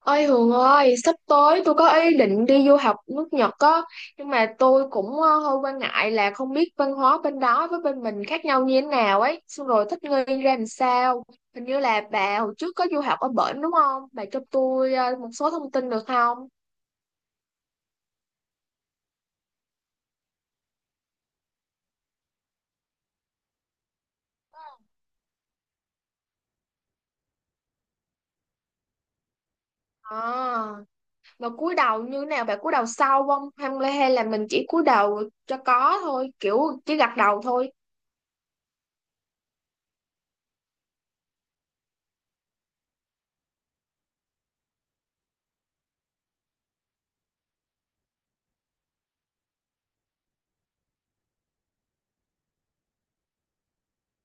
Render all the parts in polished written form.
Ôi Hường ơi, sắp tới tôi có ý định đi du học nước Nhật á, nhưng mà tôi cũng hơi quan ngại là không biết văn hóa bên đó với bên mình khác nhau như thế nào ấy, xong rồi thích nghi ra làm sao. Hình như là bà hồi trước có du học ở bển đúng không? Bà cho tôi một số thông tin được không? À, mà cúi đầu như thế nào? Bà cúi đầu sau không? Hay là mình chỉ cúi đầu cho có thôi, kiểu chỉ gật đầu thôi.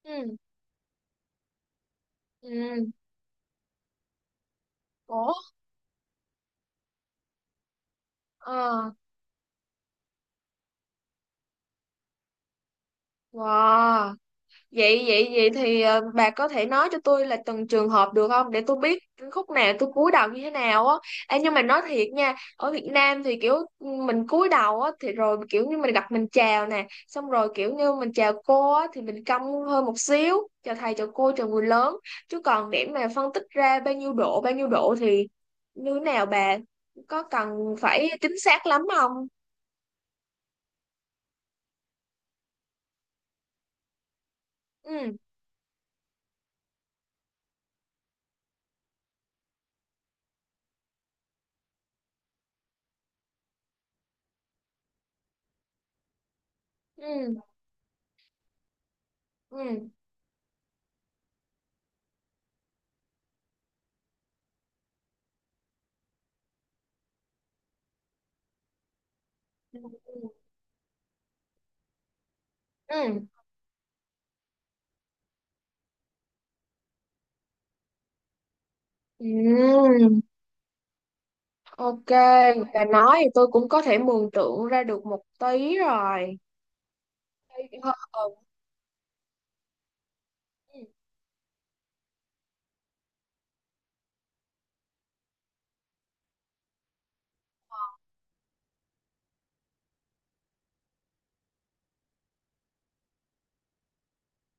Ừ, ừ, ủa, ờ, wow. vậy vậy vậy thì bà có thể nói cho tôi là từng trường hợp được không để tôi biết khúc nào tôi cúi đầu như thế nào á. Ê, nhưng mà nói thiệt nha ở Việt Nam thì kiểu mình cúi đầu á thì rồi kiểu như mình gặp mình chào nè xong rồi kiểu như mình chào cô á thì mình cong hơn một xíu chào thầy chào cô chào người lớn, chứ còn để mà phân tích ra bao nhiêu độ thì như thế nào bà, có cần phải chính xác lắm không? Ừ, ừ, ừ, ừ, ừ, ừ. Ok, bà nói thì tôi cũng có thể mường tượng ra được một tí rồi. Ờ, ờ,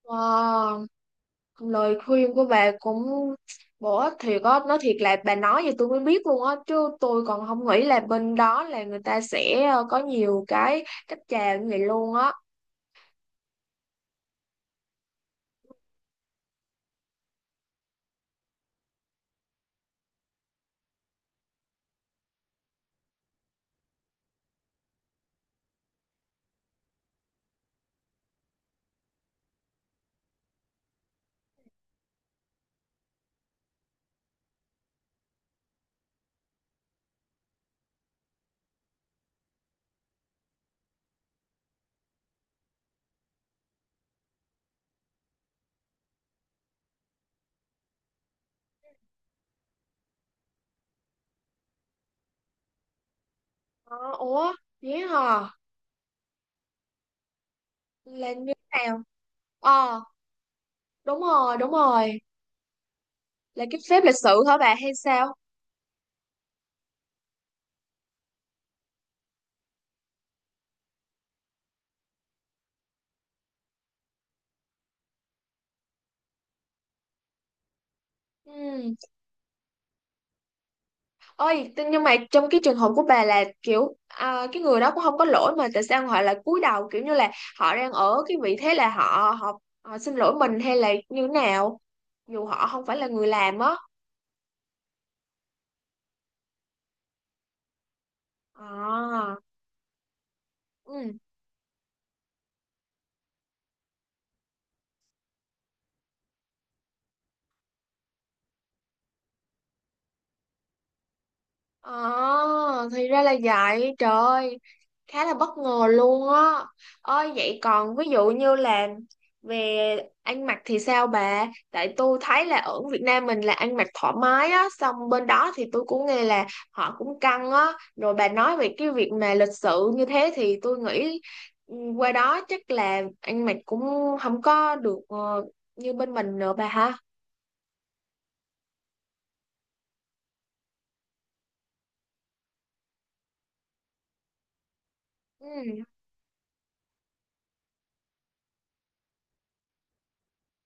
ờ, lời khuyên của bà cũng bổ ích thiệt á, nói thiệt là bà nói thì tôi mới biết luôn á, chứ tôi còn không nghĩ là bên đó là người ta sẽ có nhiều cái cách chào như vậy luôn á. Ờ, ủa, vậy hả? Là như thế nào? Ờ, đúng rồi, đúng rồi. Là cái phép lịch sự hả bà hay sao? Ừ. Ôi, thế nhưng mà trong cái trường hợp của bà là kiểu cái người đó cũng không có lỗi mà tại sao họ lại cúi đầu kiểu như là họ đang ở cái vị thế là họ họ, họ xin lỗi mình hay là như thế nào dù họ không phải là người làm á. À, ừ. À, thì ra là vậy, trời ơi, khá là bất ngờ luôn á. Ôi vậy còn ví dụ như là về ăn mặc thì sao bà? Tại tôi thấy là ở Việt Nam mình là ăn mặc thoải mái á, xong bên đó thì tôi cũng nghe là họ cũng căng á. Rồi bà nói về cái việc mà lịch sự như thế thì tôi nghĩ qua đó chắc là ăn mặc cũng không có được như bên mình nữa bà ha. Ừ.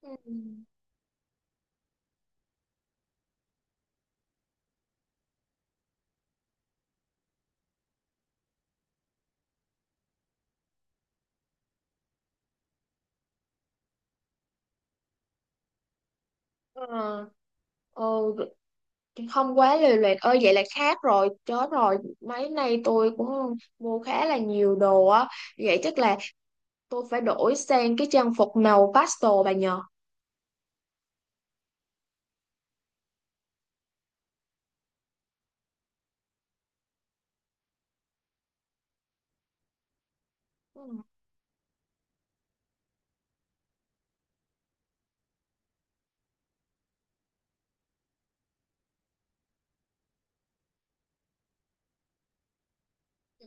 Ừ. Ờ. Ừ, không quá lề loẹt ơi vậy là khác rồi chết rồi mấy nay tôi cũng mua khá là nhiều đồ á vậy chắc là tôi phải đổi sang cái trang phục màu pastel bà nhờ.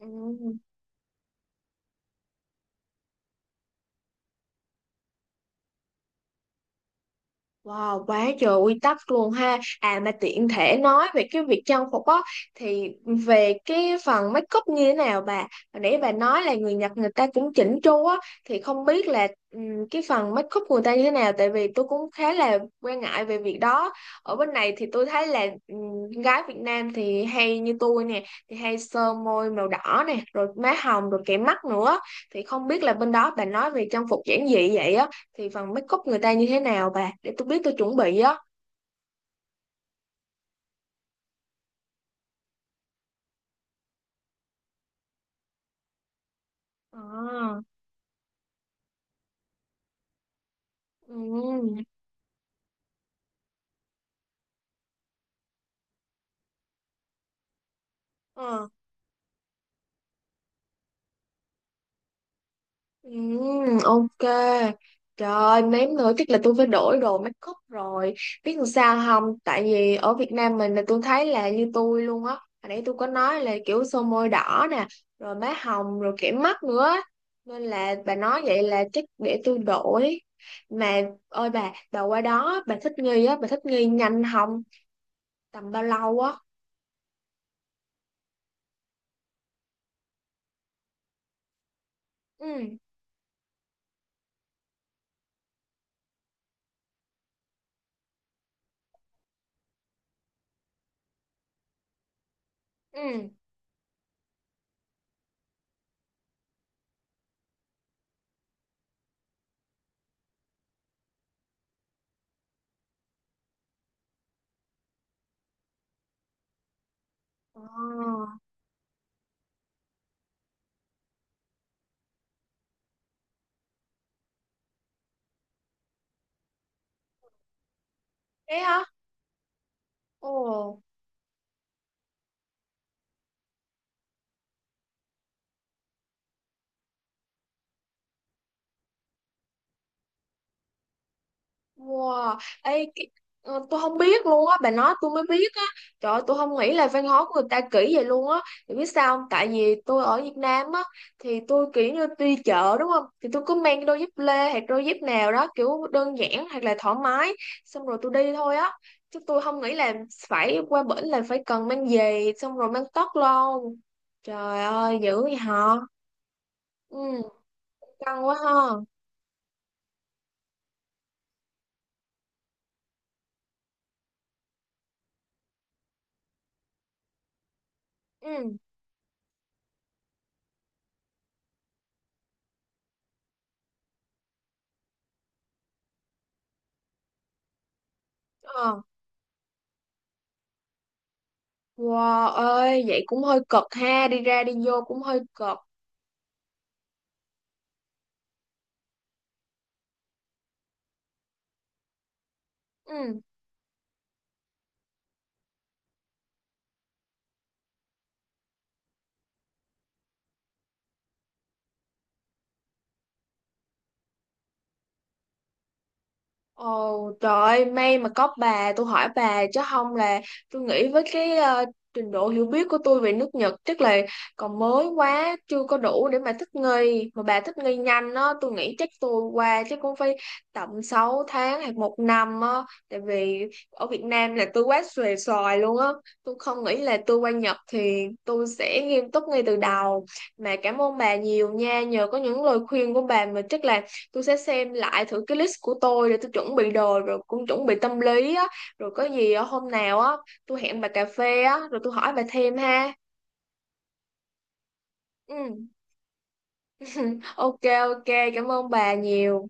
Ừ. Wow, quá trời quy tắc luôn ha. À mà tiện thể nói về cái việc trang phục á thì về cái phần make up như thế nào bà? Hồi nãy bà nói là người Nhật người ta cũng chỉnh chu á thì không biết là cái phần make up của người ta như thế nào tại vì tôi cũng khá là quan ngại về việc đó. Ở bên này thì tôi thấy là gái Việt Nam thì hay như tôi nè, thì hay sơ môi màu đỏ nè, rồi má hồng rồi kẻ mắt nữa. Thì không biết là bên đó bà nói về trang phục giản dị vậy á thì phần make up người ta như thế nào bà để tôi biết tôi chuẩn bị á. À, ừ, ờ, ừ, ok, trời ơi, mém nữa chắc là tôi phải đổi đồ make up rồi biết làm sao không tại vì ở Việt Nam mình là tôi thấy là như tôi luôn á hồi nãy tôi có nói là kiểu son môi đỏ nè rồi má hồng rồi kẻ mắt nữa á. Nên là bà nói vậy là chắc để tôi đổi mà ôi bà qua đó bà thích nghi á bà thích nghi nhanh không tầm bao lâu á? Ừ. Ừ. Ờ, thế hả? Ồ, wow. Ê, cái, tôi không biết luôn á, bà nói tôi mới biết á. Trời ơi, tôi không nghĩ là văn hóa của người ta kỹ vậy luôn á. Thì biết sao không? Tại vì tôi ở Việt Nam á, thì tôi kiểu như đi chợ đúng không? Thì tôi cứ mang đôi dép lê hoặc đôi dép nào đó kiểu đơn giản hoặc là thoải mái. Xong rồi tôi đi thôi á. Chứ tôi không nghĩ là phải qua bển là phải cần mang giày xong rồi mang tất luôn. Trời ơi, dữ vậy hả? Ừ, căng quá ha. Ừ. Ờ. Wow ơi, vậy cũng hơi cực ha, đi ra đi vô cũng hơi cực. Ừ. Ồ trời ơi, may mà có bà, tôi hỏi bà chứ không là tôi nghĩ với cái trình độ hiểu biết của tôi về nước Nhật chắc là còn mới quá, chưa có đủ để mà thích nghi. Mà bà thích nghi nhanh á, tôi nghĩ chắc tôi qua chắc cũng phải tầm 6 tháng hoặc một năm á, tại vì ở Việt Nam là tôi quá xuề xòi luôn á. Tôi không nghĩ là tôi qua Nhật thì tôi sẽ nghiêm túc ngay từ đầu. Mà cảm ơn bà nhiều nha, nhờ có những lời khuyên của bà mà chắc là tôi sẽ xem lại thử cái list của tôi để tôi chuẩn bị đồ rồi cũng chuẩn bị tâm lý á rồi có gì á, hôm nào á tôi hẹn bà cà phê á rồi tôi hỏi bà thêm ha. Ừ, ok, ok, cảm ơn bà nhiều.